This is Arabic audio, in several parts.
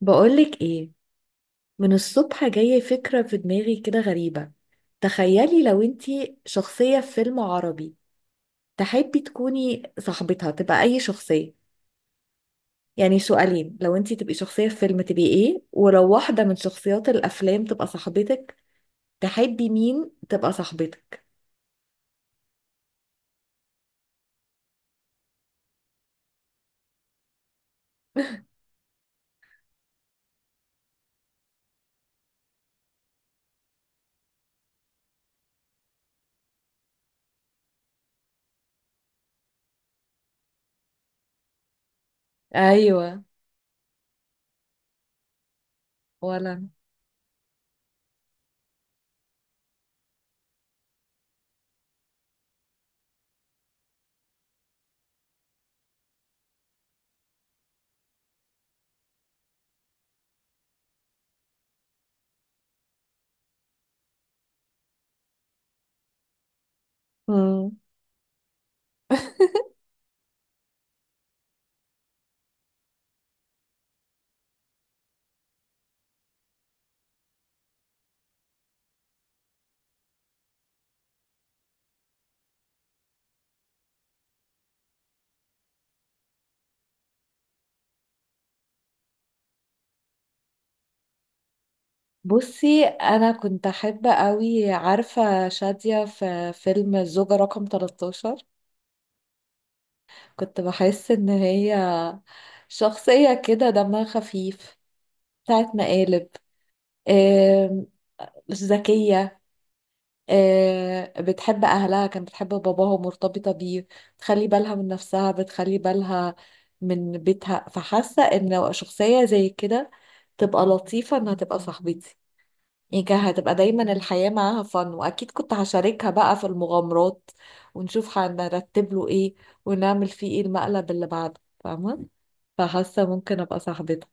بقولك ايه، من الصبح جاية فكرة في دماغي كده غريبة. تخيلي لو انتي شخصية في فيلم عربي تحبي تكوني صاحبتها تبقى اي شخصية؟ يعني سؤالين، لو انتي تبقي شخصية في فيلم تبقي ايه، ولو واحدة من شخصيات الافلام تبقى صاحبتك تحبي مين تبقى صاحبتك؟ ايوه. ولا. مم. بصي، انا كنت احب قوي، عارفة شادية في فيلم الزوجة رقم 13؟ كنت بحس ان هي شخصية كده دمها خفيف، بتاعت مقالب. آم، ذكية. بتحب أهلها، كانت بتحب باباها ومرتبطة بيه. بتخلي بالها من نفسها، بتخلي بالها من بيتها، فحاسة ان شخصية زي كده تبقى لطيفة انها تبقى صاحبتي. يعني كان هتبقى دايما الحياة معاها فن، وأكيد كنت هشاركها بقى في المغامرات، ونشوف هنرتب له ايه، ونعمل فيه ايه المقلب اللي بعده، فاهمة؟ فحاسة ممكن ابقى صاحبتك.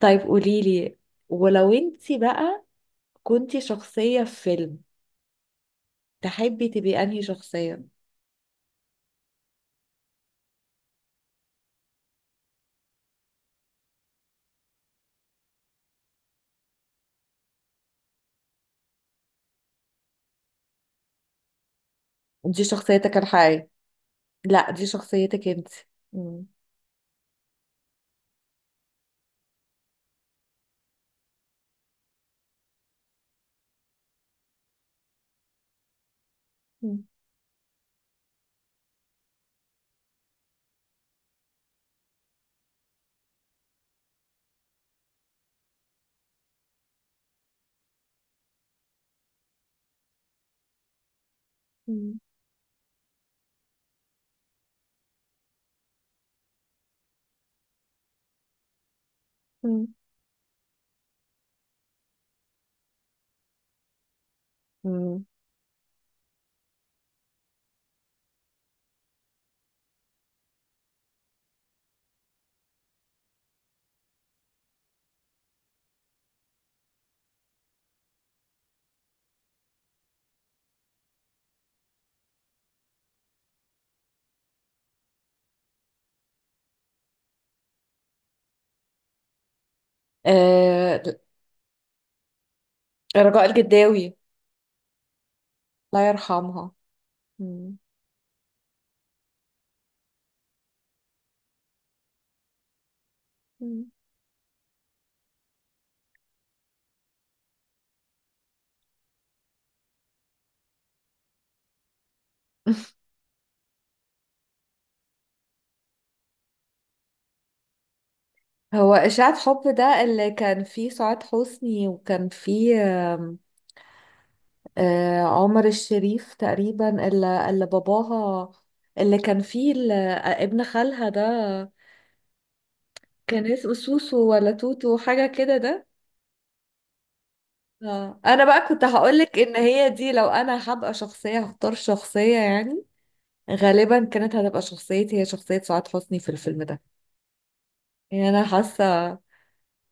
طيب قوليلي، ولو انتي بقى كنتي شخصية في فيلم تحبي تبقي انهي شخصية؟ دي شخصيتك الحقيقية؟ لا، دي شخصيتك انتي. مم. مم. مم. مم. مم. آه. رجاء الجداوي. الله يرحمها. مم. مم. هو إشاعة حب ده اللي كان فيه سعاد حسني، وكان فيه عمر الشريف تقريبا، اللي باباها، اللي كان فيه ابن خالها ده، كان اسمه سوسو ولا توتو حاجة كده ده؟ آه. انا بقى كنت هقولك ان هي دي، لو انا هبقى شخصية هختار شخصية، يعني غالبا كانت هتبقى شخصيتي هي شخصية سعاد حسني في الفيلم ده. يعني انا حاسة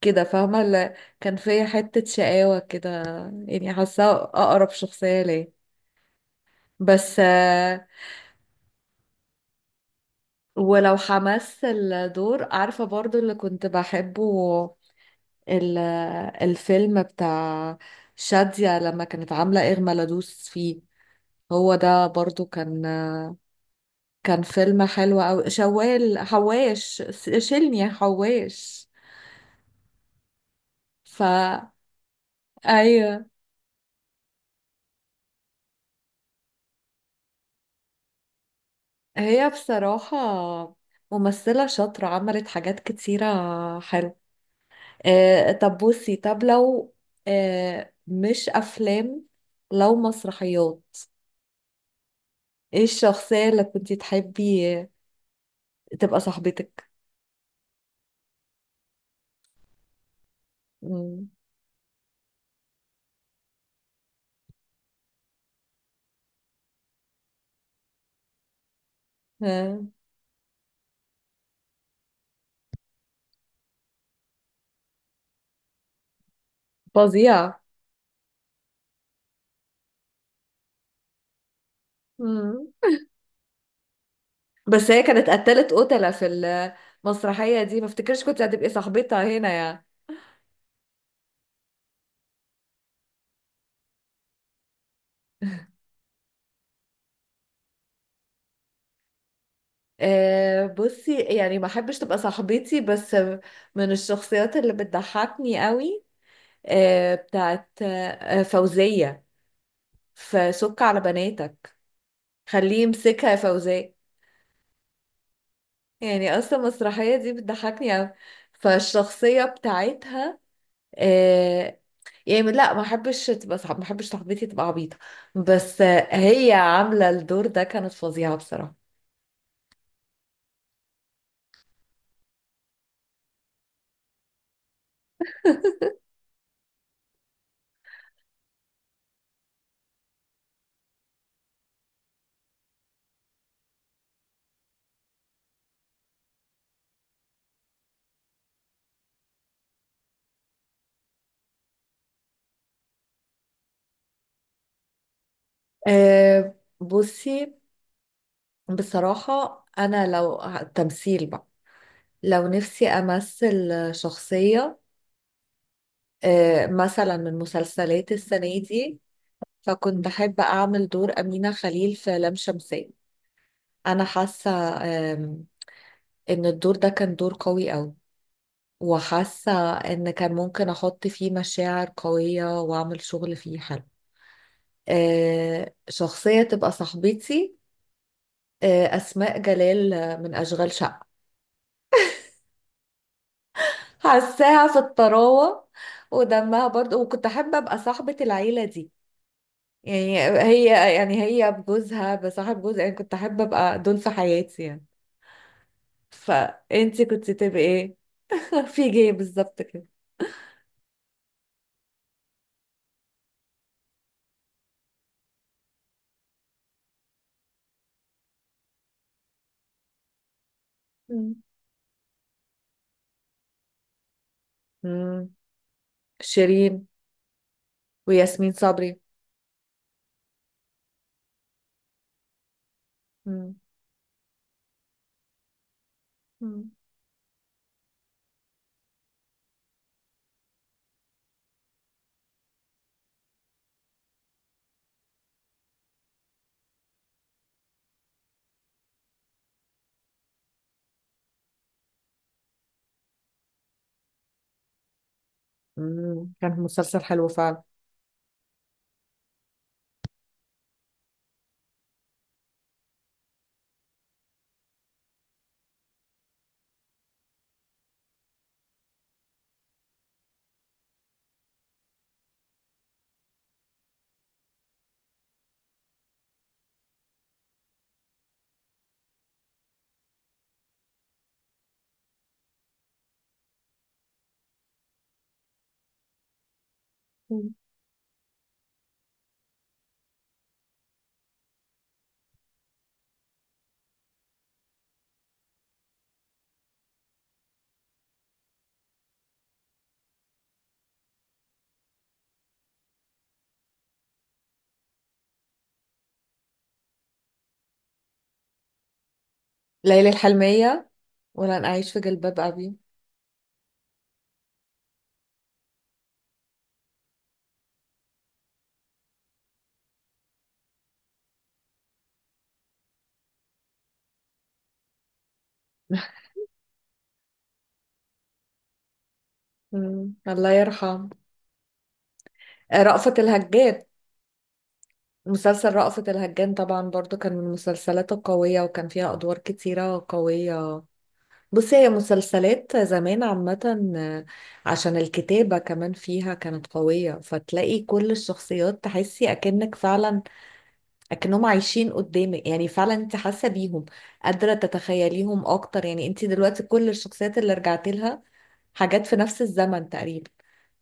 كده، فاهمة؟ اللي كان فيا حتة شقاوة كده، يعني حاسة اقرب شخصية ليه، بس. ولو حمس الدور، عارفة برضو اللي كنت بحبه؟ ال- الفيلم بتاع شادية لما كانت عاملة إغمى لدوس فيه. هو ده برضو كان فيلم حلو أوي، شوال حواش شيلني يا حواش. ف أيوة. هي بصراحة ممثلة شاطرة، عملت حاجات كتيرة حلوة. طب بصي، طب لو مش أفلام، لو مسرحيات، ايه الشخصية اللي كنتي تحبي تبقى صاحبتك؟ مم. آه، فظيعة. مم. بس هي كانت قتلت قتلة في المسرحية دي، ما افتكرش كنت هتبقي صاحبتها هنا يعني. أه، بصي، يعني ما احبش تبقى صاحبتي، بس من الشخصيات اللي بتضحكني قوي بتاعت فوزية في سك على بناتك، خليه يمسكها يا فوزية. يعني اصلا المسرحية دي بتضحكني قوي، فالشخصية بتاعتها. آه، يعني لا، ما احبش تبقى، صعب، ما احبش صاحبتي تبقى عبيطه، بس هي عامله الدور ده كانت فظيعه بصراحه. آه، بصي، بصراحه انا لو تمثيل بقى، لو نفسي امثل شخصيه مثلا من مسلسلات السنه دي، فكنت بحب اعمل دور امينه خليل في لام شمسيه. انا حاسه آم، ان الدور ده كان دور قوي قوي، وحاسة ان كان ممكن احط فيه مشاعر قوية، واعمل شغل فيه حلو. شخصية تبقى صاحبتي، أسماء جلال من أشغال شقة. حاساها في الطراوة ودمها برضه، وكنت أحب أبقى صاحبة العيلة دي. يعني هي بجوزها، بصاحب جوزها، يعني كنت أحب أبقى دول في حياتي يعني. فأنتي كنت تبقي إيه؟ في جاي بالظبط كده. مم. مم. شيرين وياسمين صبري. مم. مم. مم. كان مسلسل حلو فعلا. مم. ليلى الحلمية ولن أعيش في جلباب أبي. مم. الله يرحم رأفت الهجان. مسلسل رأفت الهجان طبعا برضو كان من المسلسلات القوية، وكان فيها أدوار كتيرة قوية. بصي، هي مسلسلات زمان عامة، عشان الكتابة كمان فيها كانت قوية، فتلاقي كل الشخصيات تحسي أكنك فعلا لكنهم عايشين قدامك، يعني فعلا انت حاسه بيهم، قادره تتخيليهم اكتر. يعني انت دلوقتي كل الشخصيات اللي رجعت لها حاجات في نفس الزمن تقريبا،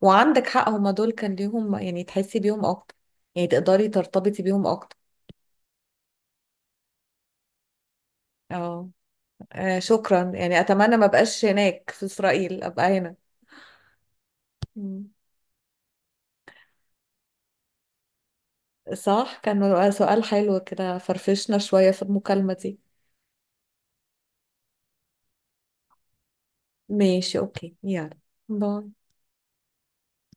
وعندك حق هما دول كان ليهم يعني تحسي بيهم اكتر، يعني تقدري ترتبطي بيهم اكتر. اه. شكرا يعني، اتمنى ما بقاش هناك في اسرائيل ابقى هنا. مم. صح، كان سؤال حلو كده، فرفشنا شويه في المكالمه دي. ماشي، اوكي يلا، باي.